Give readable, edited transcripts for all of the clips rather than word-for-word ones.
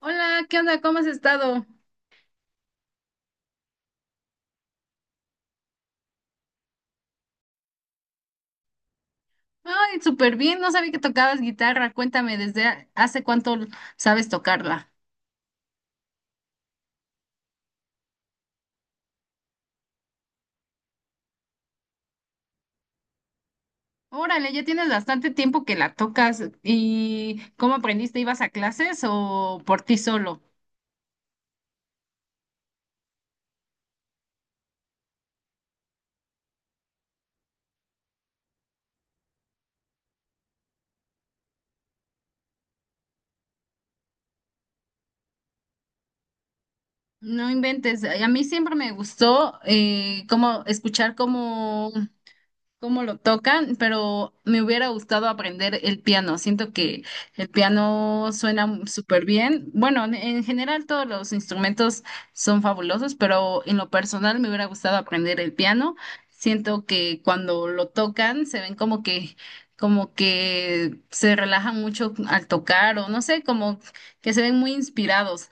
Hola, ¿qué onda? ¿Cómo has estado? Ay, súper bien, no sabía que tocabas guitarra. Cuéntame, ¿desde hace cuánto sabes tocarla? Órale, ya tienes bastante tiempo que la tocas. ¿Y cómo aprendiste? ¿Ibas a clases o por ti solo? No inventes. A mí siempre me gustó como escuchar como cómo lo tocan, pero me hubiera gustado aprender el piano. Siento que el piano suena súper bien. Bueno, en general todos los instrumentos son fabulosos, pero en lo personal me hubiera gustado aprender el piano. Siento que cuando lo tocan se ven como que se relajan mucho al tocar o no sé, como que se ven muy inspirados.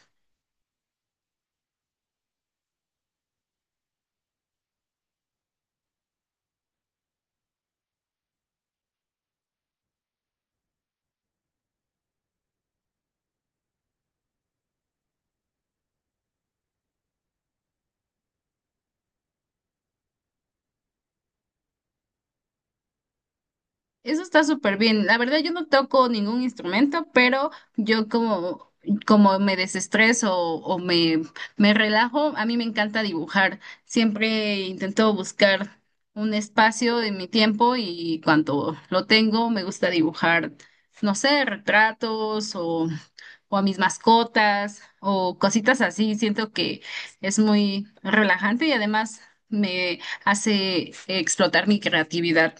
Eso está súper bien. La verdad, yo no toco ningún instrumento, pero yo como, como me desestreso me relajo, a mí me encanta dibujar. Siempre intento buscar un espacio de mi tiempo y cuando lo tengo, me gusta dibujar, no sé, retratos o a mis mascotas o cositas así. Siento que es muy relajante y además me hace explotar mi creatividad.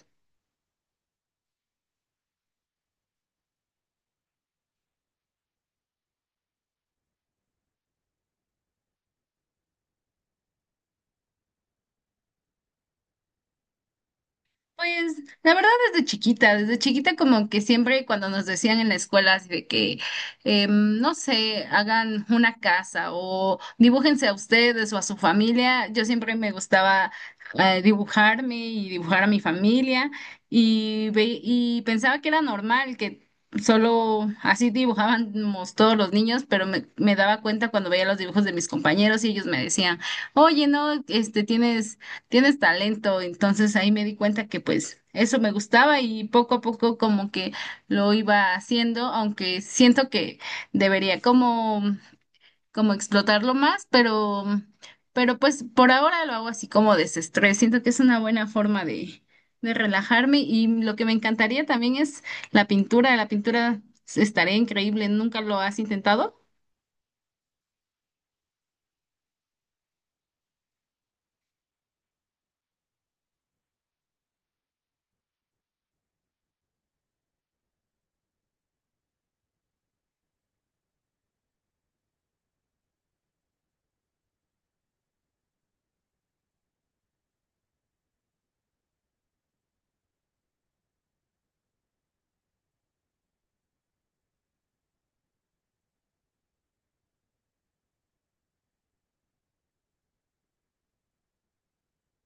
Pues la verdad desde chiquita como que siempre cuando nos decían en la escuela así de que, no sé, hagan una casa o dibújense a ustedes o a su familia, yo siempre me gustaba dibujarme y dibujar a mi familia y, y pensaba que era normal, que solo así dibujábamos todos los niños, pero me daba cuenta cuando veía los dibujos de mis compañeros y ellos me decían, oye, no, este tienes talento. Entonces ahí me di cuenta que pues eso me gustaba y poco a poco como que lo iba haciendo, aunque siento que debería como, como explotarlo más, pero pues por ahora lo hago así como desestrés. Siento que es una buena forma de relajarme y lo que me encantaría también es la pintura. La pintura estaría increíble. ¿Nunca lo has intentado?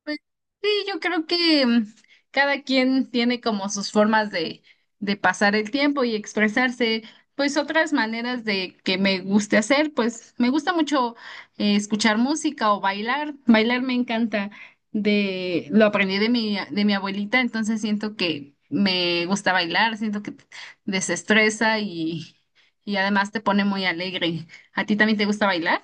Pues sí, yo creo que mm, cada quien tiene como sus formas de pasar el tiempo y expresarse, pues otras maneras de que me guste hacer, pues me gusta mucho escuchar música o bailar, bailar me encanta, de, lo aprendí de mi abuelita, entonces siento que me gusta bailar, siento que desestresa y además te pone muy alegre. ¿A ti también te gusta bailar?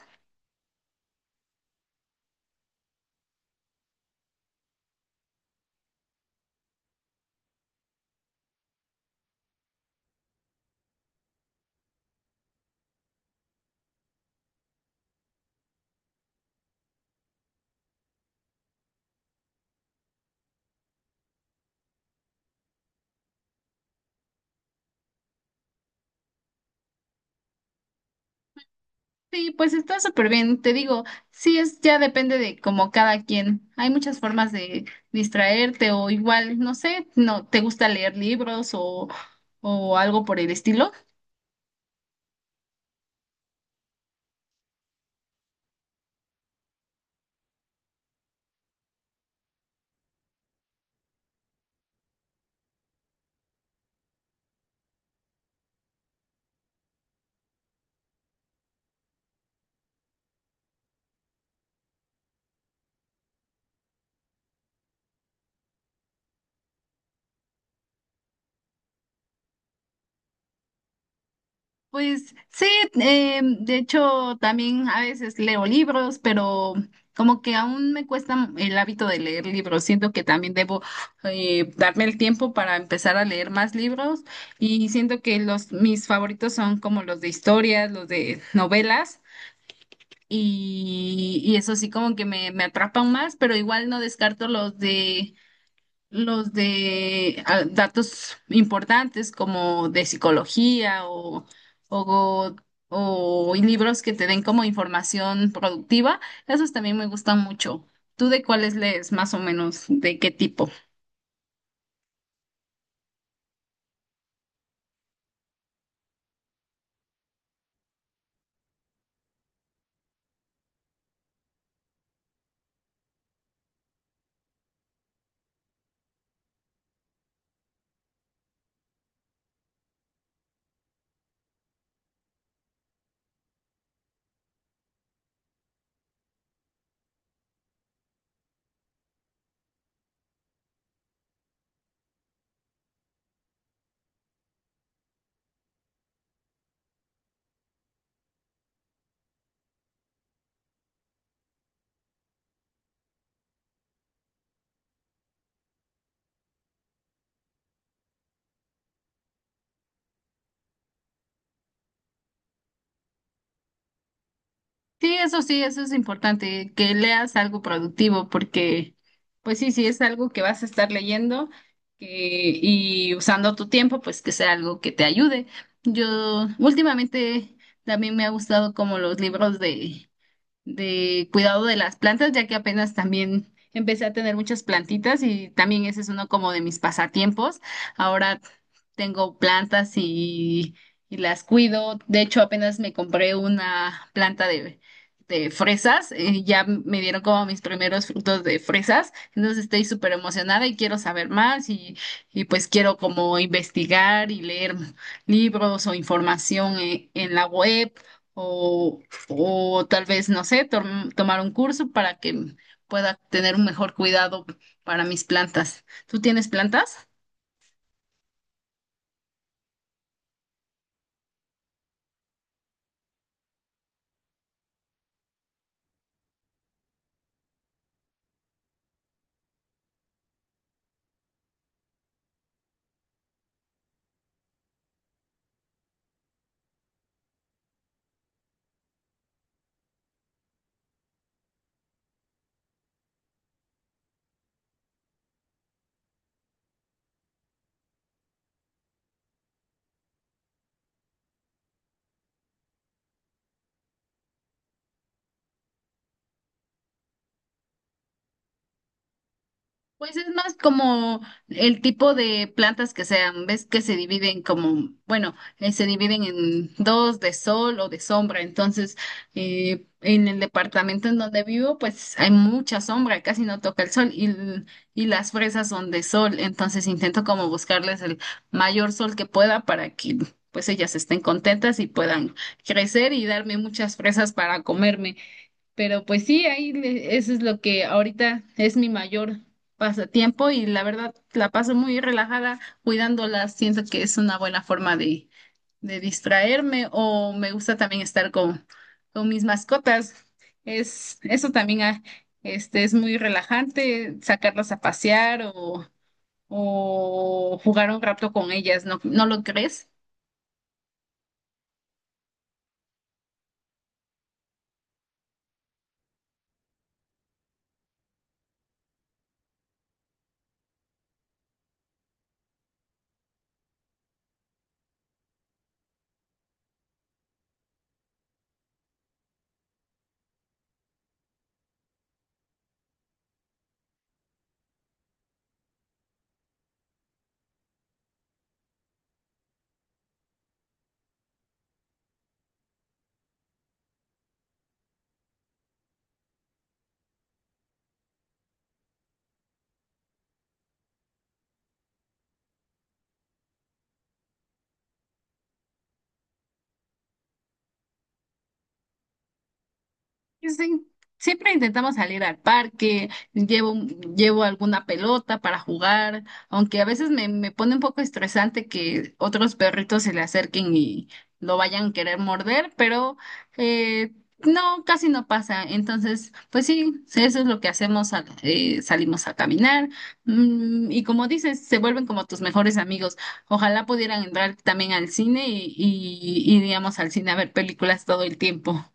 Sí, pues está súper bien, te digo, sí es, ya depende de como cada quien. Hay muchas formas de distraerte o igual, no sé, no te gusta leer libros o algo por el estilo. Pues sí, de hecho también a veces leo libros, pero como que aún me cuesta el hábito de leer libros. Siento que también debo darme el tiempo para empezar a leer más libros y siento que los mis favoritos son como los de historias, los de novelas. Y, y eso sí como que me atrapan más, pero igual no descarto los de datos importantes como de psicología o, o libros que te den como información productiva, esos también me gustan mucho. ¿Tú de cuáles lees más o menos? ¿De qué tipo? Sí, eso es importante, que leas algo productivo, porque pues sí, si es algo que vas a estar leyendo y usando tu tiempo, pues que sea algo que te ayude. Yo últimamente también me ha gustado como los libros de cuidado de las plantas, ya que apenas también empecé a tener muchas plantitas y también ese es uno como de mis pasatiempos. Ahora tengo plantas y las cuido. De hecho, apenas me compré una planta de fresas. Ya me dieron como mis primeros frutos de fresas. Entonces estoy súper emocionada y quiero saber más y pues quiero como investigar y leer libros o información en la web. O, o tal vez, no sé, tomar un curso para que pueda tener un mejor cuidado para mis plantas. ¿Tú tienes plantas? Pues es más como el tipo de plantas que sean, ves que se dividen como, bueno, se dividen en dos, de sol o de sombra. Entonces, en el departamento en donde vivo, pues hay mucha sombra, casi no toca el sol y, y las fresas son de sol. Entonces intento como buscarles el mayor sol que pueda para que pues ellas estén contentas y puedan crecer y darme muchas fresas para comerme. Pero pues sí, eso es lo que ahorita es mi mayor pasatiempo y la verdad la paso muy relajada cuidándolas. Siento que es una buena forma de distraerme o me gusta también estar con mis mascotas. Es, eso también es muy relajante, sacarlas a pasear o jugar un rato con ellas, ¿no, no lo crees? Sí, sí. Siempre intentamos salir al parque, llevo, llevo alguna pelota para jugar, aunque a veces me, me pone un poco estresante que otros perritos se le acerquen y lo vayan a querer morder, pero eh, no, casi no pasa. Entonces, pues sí, eso es lo que hacemos, salimos a caminar mm, y como dices, se vuelven como tus mejores amigos. Ojalá pudieran entrar también al cine y iríamos al cine a ver películas todo el tiempo.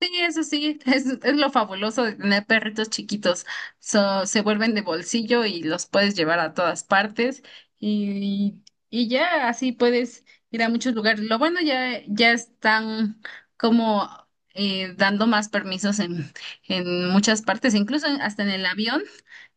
Sí, eso sí, es lo fabuloso de tener perritos chiquitos. So, se vuelven de bolsillo y los puedes llevar a todas partes y, y ya así puedes ir a muchos lugares. Lo bueno ya, ya están como dando más permisos en muchas partes, incluso hasta en el avión.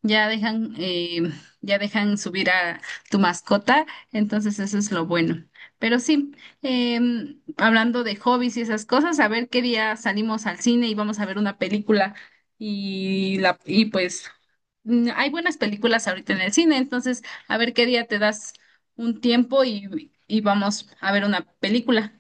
Ya dejan, eh, ya dejan subir a tu mascota, entonces eso es lo bueno. Pero sí, hablando de hobbies y esas cosas, a ver qué día salimos al cine y vamos a ver una película y la, y pues mm, hay buenas películas ahorita en el cine, entonces a ver qué día te das un tiempo y vamos a ver una película.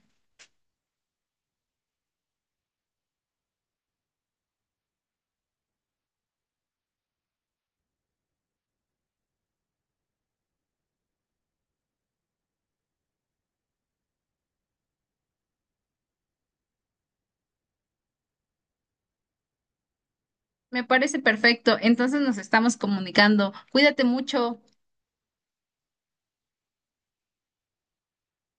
Me parece perfecto, entonces nos estamos comunicando. Cuídate mucho.